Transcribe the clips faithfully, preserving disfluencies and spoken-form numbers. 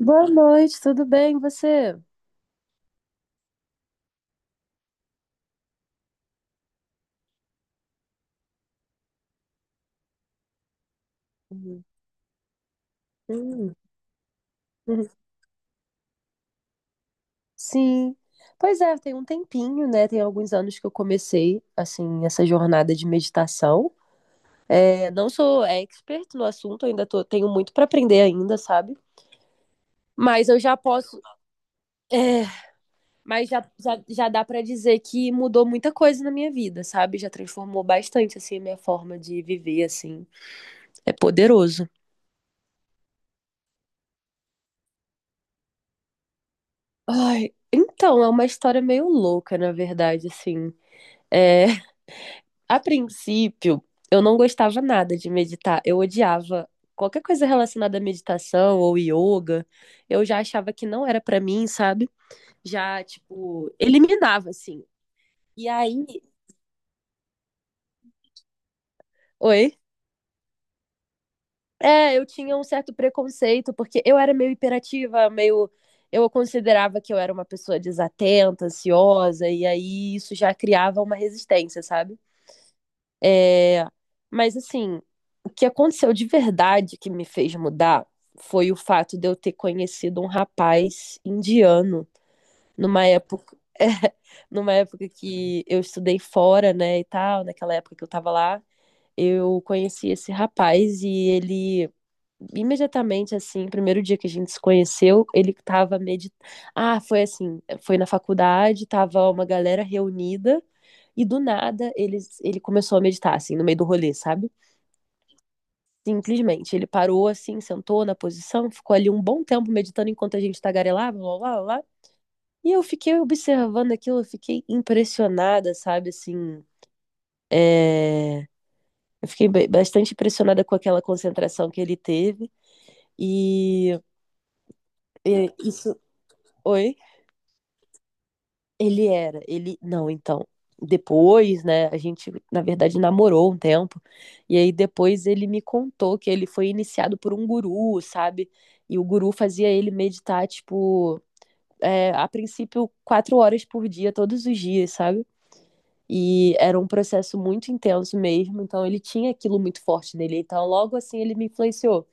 Boa noite, tudo bem, e você? Uhum. Hum, uhum. Sim. Pois é, tem um tempinho, né? Tem alguns anos que eu comecei, assim, essa jornada de meditação. É, não sou expert no assunto, ainda tô- tenho muito para aprender ainda, sabe? Mas eu já posso, é, mas já, já, já dá para dizer que mudou muita coisa na minha vida, sabe? Já transformou bastante, assim, a minha forma de viver, assim. É poderoso. Ai, então, é uma história meio louca, na verdade, assim. É, A princípio, eu não gostava nada de meditar. Eu odiava qualquer coisa relacionada à meditação ou yoga. Eu já achava que não era pra mim, sabe? Já, tipo, eliminava, assim. E aí. Oi? É, eu tinha um certo preconceito, porque eu era meio hiperativa, meio. Eu considerava que eu era uma pessoa desatenta, ansiosa, e aí isso já criava uma resistência, sabe? É, mas assim, o que aconteceu de verdade que me fez mudar foi o fato de eu ter conhecido um rapaz indiano numa época, é, numa época que eu estudei fora, né, e tal, naquela época que eu tava lá, eu conheci esse rapaz e ele imediatamente, assim, primeiro dia que a gente se conheceu, ele tava meditando. Ah, foi assim, foi na faculdade, tava uma galera reunida e do nada ele, ele começou a meditar, assim, no meio do rolê, sabe? Simplesmente, ele parou assim, sentou na posição, ficou ali um bom tempo meditando enquanto a gente tagarelava, blá, blá, blá. E eu fiquei observando aquilo, eu fiquei impressionada, sabe, assim, é... Eu fiquei ba- bastante impressionada com aquela concentração que ele teve. E, e isso. Oi? Ele era, ele. Não, então. Depois, né, a gente, na verdade, namorou um tempo. E aí depois ele me contou que ele foi iniciado por um guru, sabe? E o guru fazia ele meditar, tipo, é, a princípio, quatro horas por dia, todos os dias, sabe? E era um processo muito intenso mesmo, então ele tinha aquilo muito forte nele. Então, logo assim, ele me influenciou.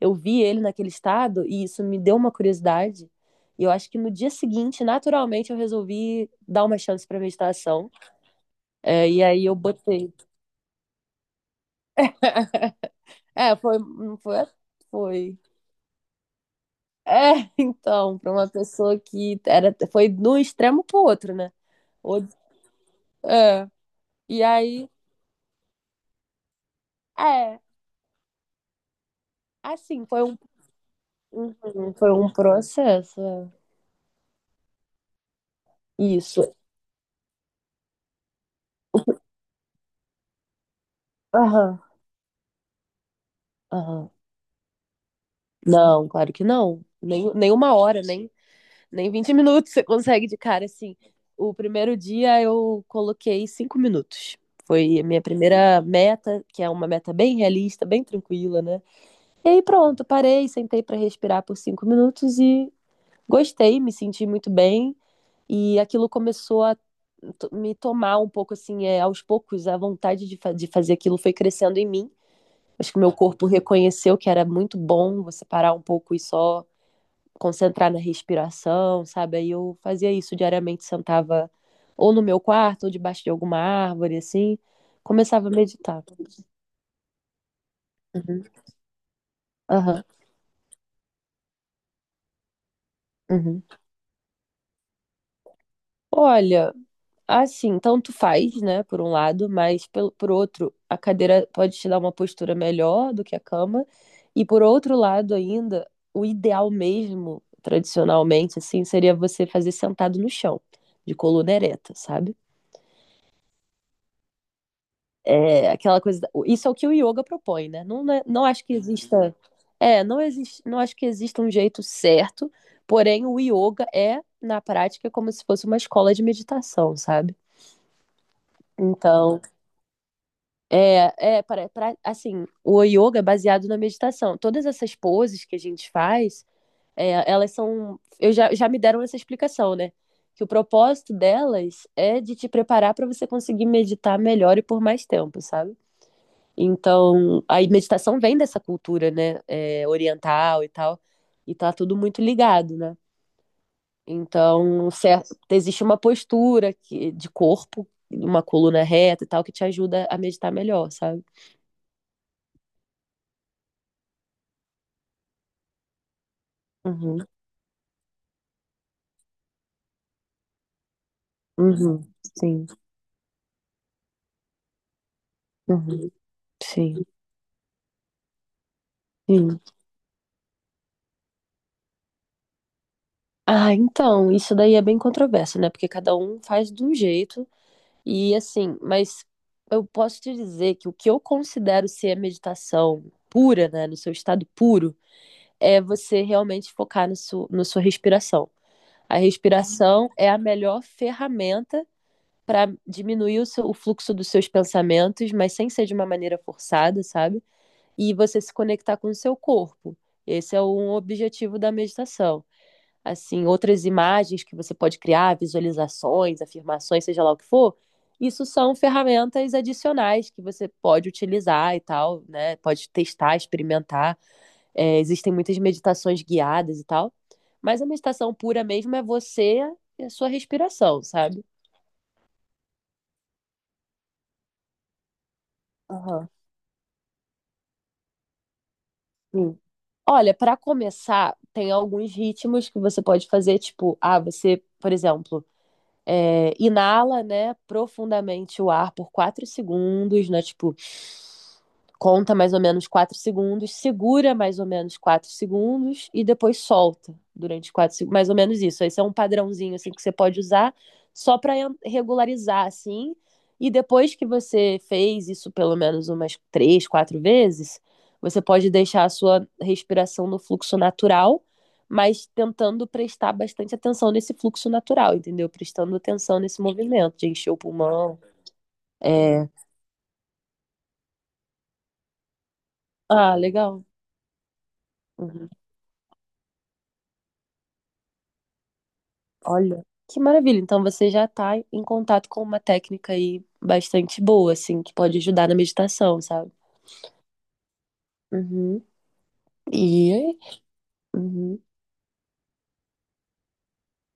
Eu vi ele naquele estado e isso me deu uma curiosidade. E eu acho que no dia seguinte, naturalmente, eu resolvi dar uma chance para meditação. É, e aí eu botei. É, foi, não foi, foi. É, então, para uma pessoa que era, foi de um extremo pro outro, né? Ou- É, e aí, é, assim, foi um, um- um, foi um processo. É. Isso. Aham, aham. Não, claro que não. Nem, nem uma hora, nem, nem vinte minutos você consegue de cara, assim. O primeiro dia eu coloquei cinco minutos. Foi a minha primeira meta, que é uma meta bem realista, bem tranquila, né? E aí pronto, parei, sentei para respirar por cinco minutos e gostei, me senti muito bem. E aquilo começou a to- me tomar um pouco, assim, é, aos poucos, a vontade de, fa- de fazer aquilo foi crescendo em mim. Acho que meu corpo reconheceu que era muito bom você parar um pouco e só concentrar na respiração, sabe? Aí eu fazia isso diariamente, sentava ou no meu quarto ou debaixo de alguma árvore, assim, começava a meditar. Uhum. Aham. Uhum. Olha, assim, tanto faz, né, por um lado, mas pelo, por outro, a cadeira pode te dar uma postura melhor do que a cama. E por outro lado ainda, o ideal mesmo, tradicionalmente, assim, seria você fazer sentado no chão, de coluna ereta, sabe? É aquela coisa. da- Isso é o que o yoga propõe, né? Não, não é- não acho que exista. É, não existe, não acho que exista um jeito certo, porém o yoga é, na prática, como se fosse uma escola de meditação, sabe? Então. É, é para, para, assim, o yoga é baseado na meditação. Todas essas poses que a gente faz, é, elas são. Eu já, já me deram essa explicação, né? Que o propósito delas é de te preparar para você conseguir meditar melhor e por mais tempo, sabe? Então, a meditação vem dessa cultura, né? É, oriental e tal. E tá tudo muito ligado, né? Então, certo, existe uma postura que, de corpo, uma coluna reta e tal, que te ajuda a meditar melhor, sabe? Uhum. Uhum, sim, uhum, sim, sim. Ah, então, isso daí é bem controverso, né? Porque cada um faz de um jeito e assim, mas eu posso te dizer que o que eu considero ser a meditação pura, né, no seu estado puro, é você realmente focar no seu, na sua respiração. A respiração é a melhor ferramenta para diminuir o, seu, o fluxo dos seus pensamentos, mas sem ser de uma maneira forçada, sabe? E você se conectar com o seu corpo. Esse é um objetivo da meditação. Assim, outras imagens que você pode criar, visualizações, afirmações, seja lá o que for, isso são ferramentas adicionais que você pode utilizar e tal, né? Pode testar, experimentar. É, existem muitas meditações guiadas e tal. Mas a meditação pura mesmo é você e a sua respiração, sabe? Aham. Sim. Olha, para começar, tem alguns ritmos que você pode fazer, tipo, ah, você, por exemplo, é, inala, né, profundamente o ar por quatro segundos, né, tipo, conta mais ou menos quatro segundos, segura mais ou menos quatro segundos e depois solta durante quatro segundos, mais ou menos isso. Esse é um padrãozinho, assim, que você pode usar só para regularizar, assim, e depois que você fez isso pelo menos umas três, quatro vezes, você pode deixar a sua respiração no fluxo natural mas tentando prestar bastante atenção nesse fluxo natural, entendeu? Prestando atenção nesse movimento de encher o pulmão. É... Ah, legal. Uhum. Olha, que maravilha. Então você já está em contato com uma técnica aí bastante boa, assim, que pode ajudar na meditação, sabe? Uhum. E. Uhum.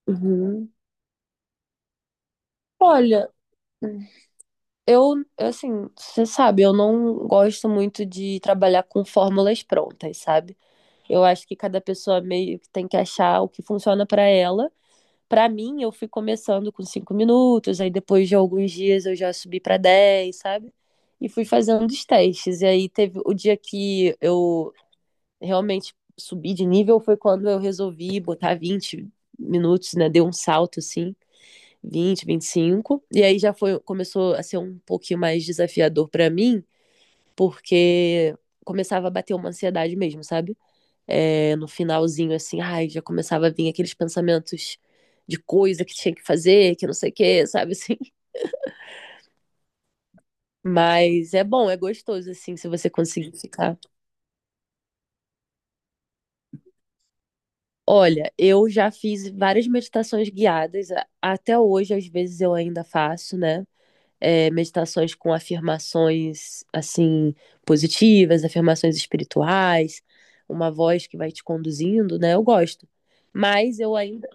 Uhum. Olha, eu, assim, você sabe, eu não gosto muito de trabalhar com fórmulas prontas, sabe? Eu acho que cada pessoa meio que tem que achar o que funciona para ela. Para mim, eu fui começando com cinco minutos, aí depois de alguns dias eu já subi para dez, sabe? E fui fazendo os testes. E aí teve o dia que eu realmente subi de nível foi quando eu resolvi botar vinte minutos, né? Deu um salto assim, vinte, vinte e cinco. E aí já foi começou a ser um pouquinho mais desafiador para mim, porque começava a bater uma ansiedade mesmo, sabe? É, no finalzinho, assim, ai, já começava a vir aqueles pensamentos de coisa que tinha que fazer, que não sei o quê, sabe assim? Mas é bom, é gostoso, assim, se você conseguir ficar. Olha, eu já fiz várias meditações guiadas, a- até hoje, às vezes eu ainda faço, né? É, meditações com afirmações, assim, positivas, afirmações espirituais, uma voz que vai te conduzindo, né? Eu gosto. Mas eu ainda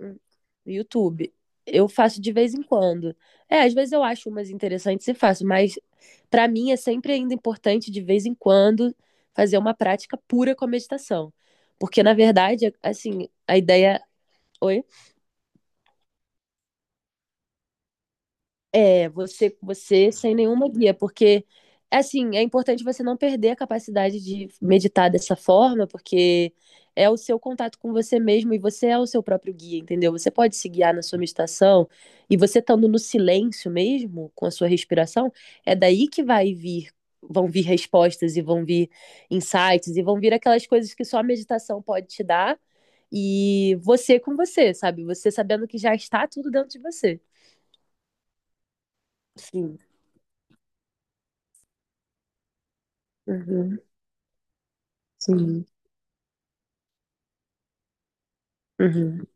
hum, no YouTube. Eu faço de vez em quando. É, às vezes eu acho umas interessantes e faço, mas para mim é sempre ainda importante de vez em quando fazer uma prática pura com a meditação. Porque na verdade, assim, a ideia, oi. É, você com você sem nenhuma guia, porque assim, é importante você não perder a capacidade de meditar dessa forma, porque é o seu contato com você mesmo e você é o seu próprio guia, entendeu? Você pode se guiar na sua meditação e você estando no silêncio mesmo, com a sua respiração, é daí que vai vir, vão vir respostas e vão vir insights e vão vir aquelas coisas que só a meditação pode te dar. E você com você, sabe? Você sabendo que já está tudo dentro de você. Sim. Sim. Uhum.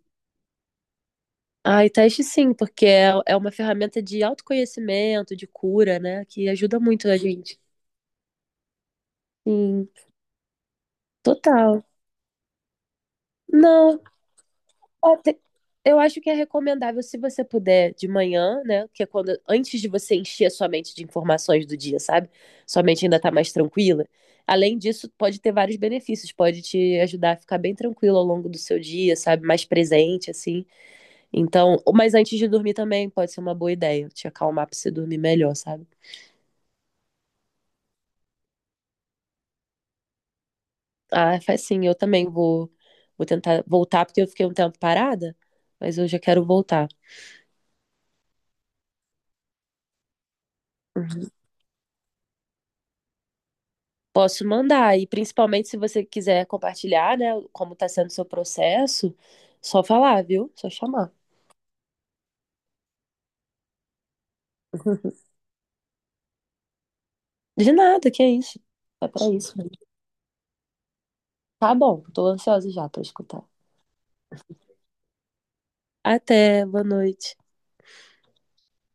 Ah, e teste sim, porque é, é uma ferramenta de autoconhecimento, de cura, né? Que ajuda muito a gente. Sim, total. Não, ó, te- eu acho que é recomendável se você puder de manhã, né? Que é quando, antes de você encher a sua mente de informações do dia, sabe? Sua mente ainda tá mais tranquila. Além disso, pode ter vários benefícios, pode te ajudar a ficar bem tranquilo ao longo do seu dia, sabe? Mais presente, assim. Então, mas antes de dormir também pode ser uma boa ideia, te acalmar pra você dormir melhor, sabe? Ah, faz sim, eu também vou, vou tentar voltar, porque eu fiquei um tempo parada, mas eu já quero voltar. Uhum. Posso mandar, e principalmente se você quiser compartilhar, né, como tá sendo o seu processo, só falar, viu? Só chamar. De nada, que é isso. É pra isso mesmo. Tá bom, tô ansiosa já pra escutar. Até, boa noite.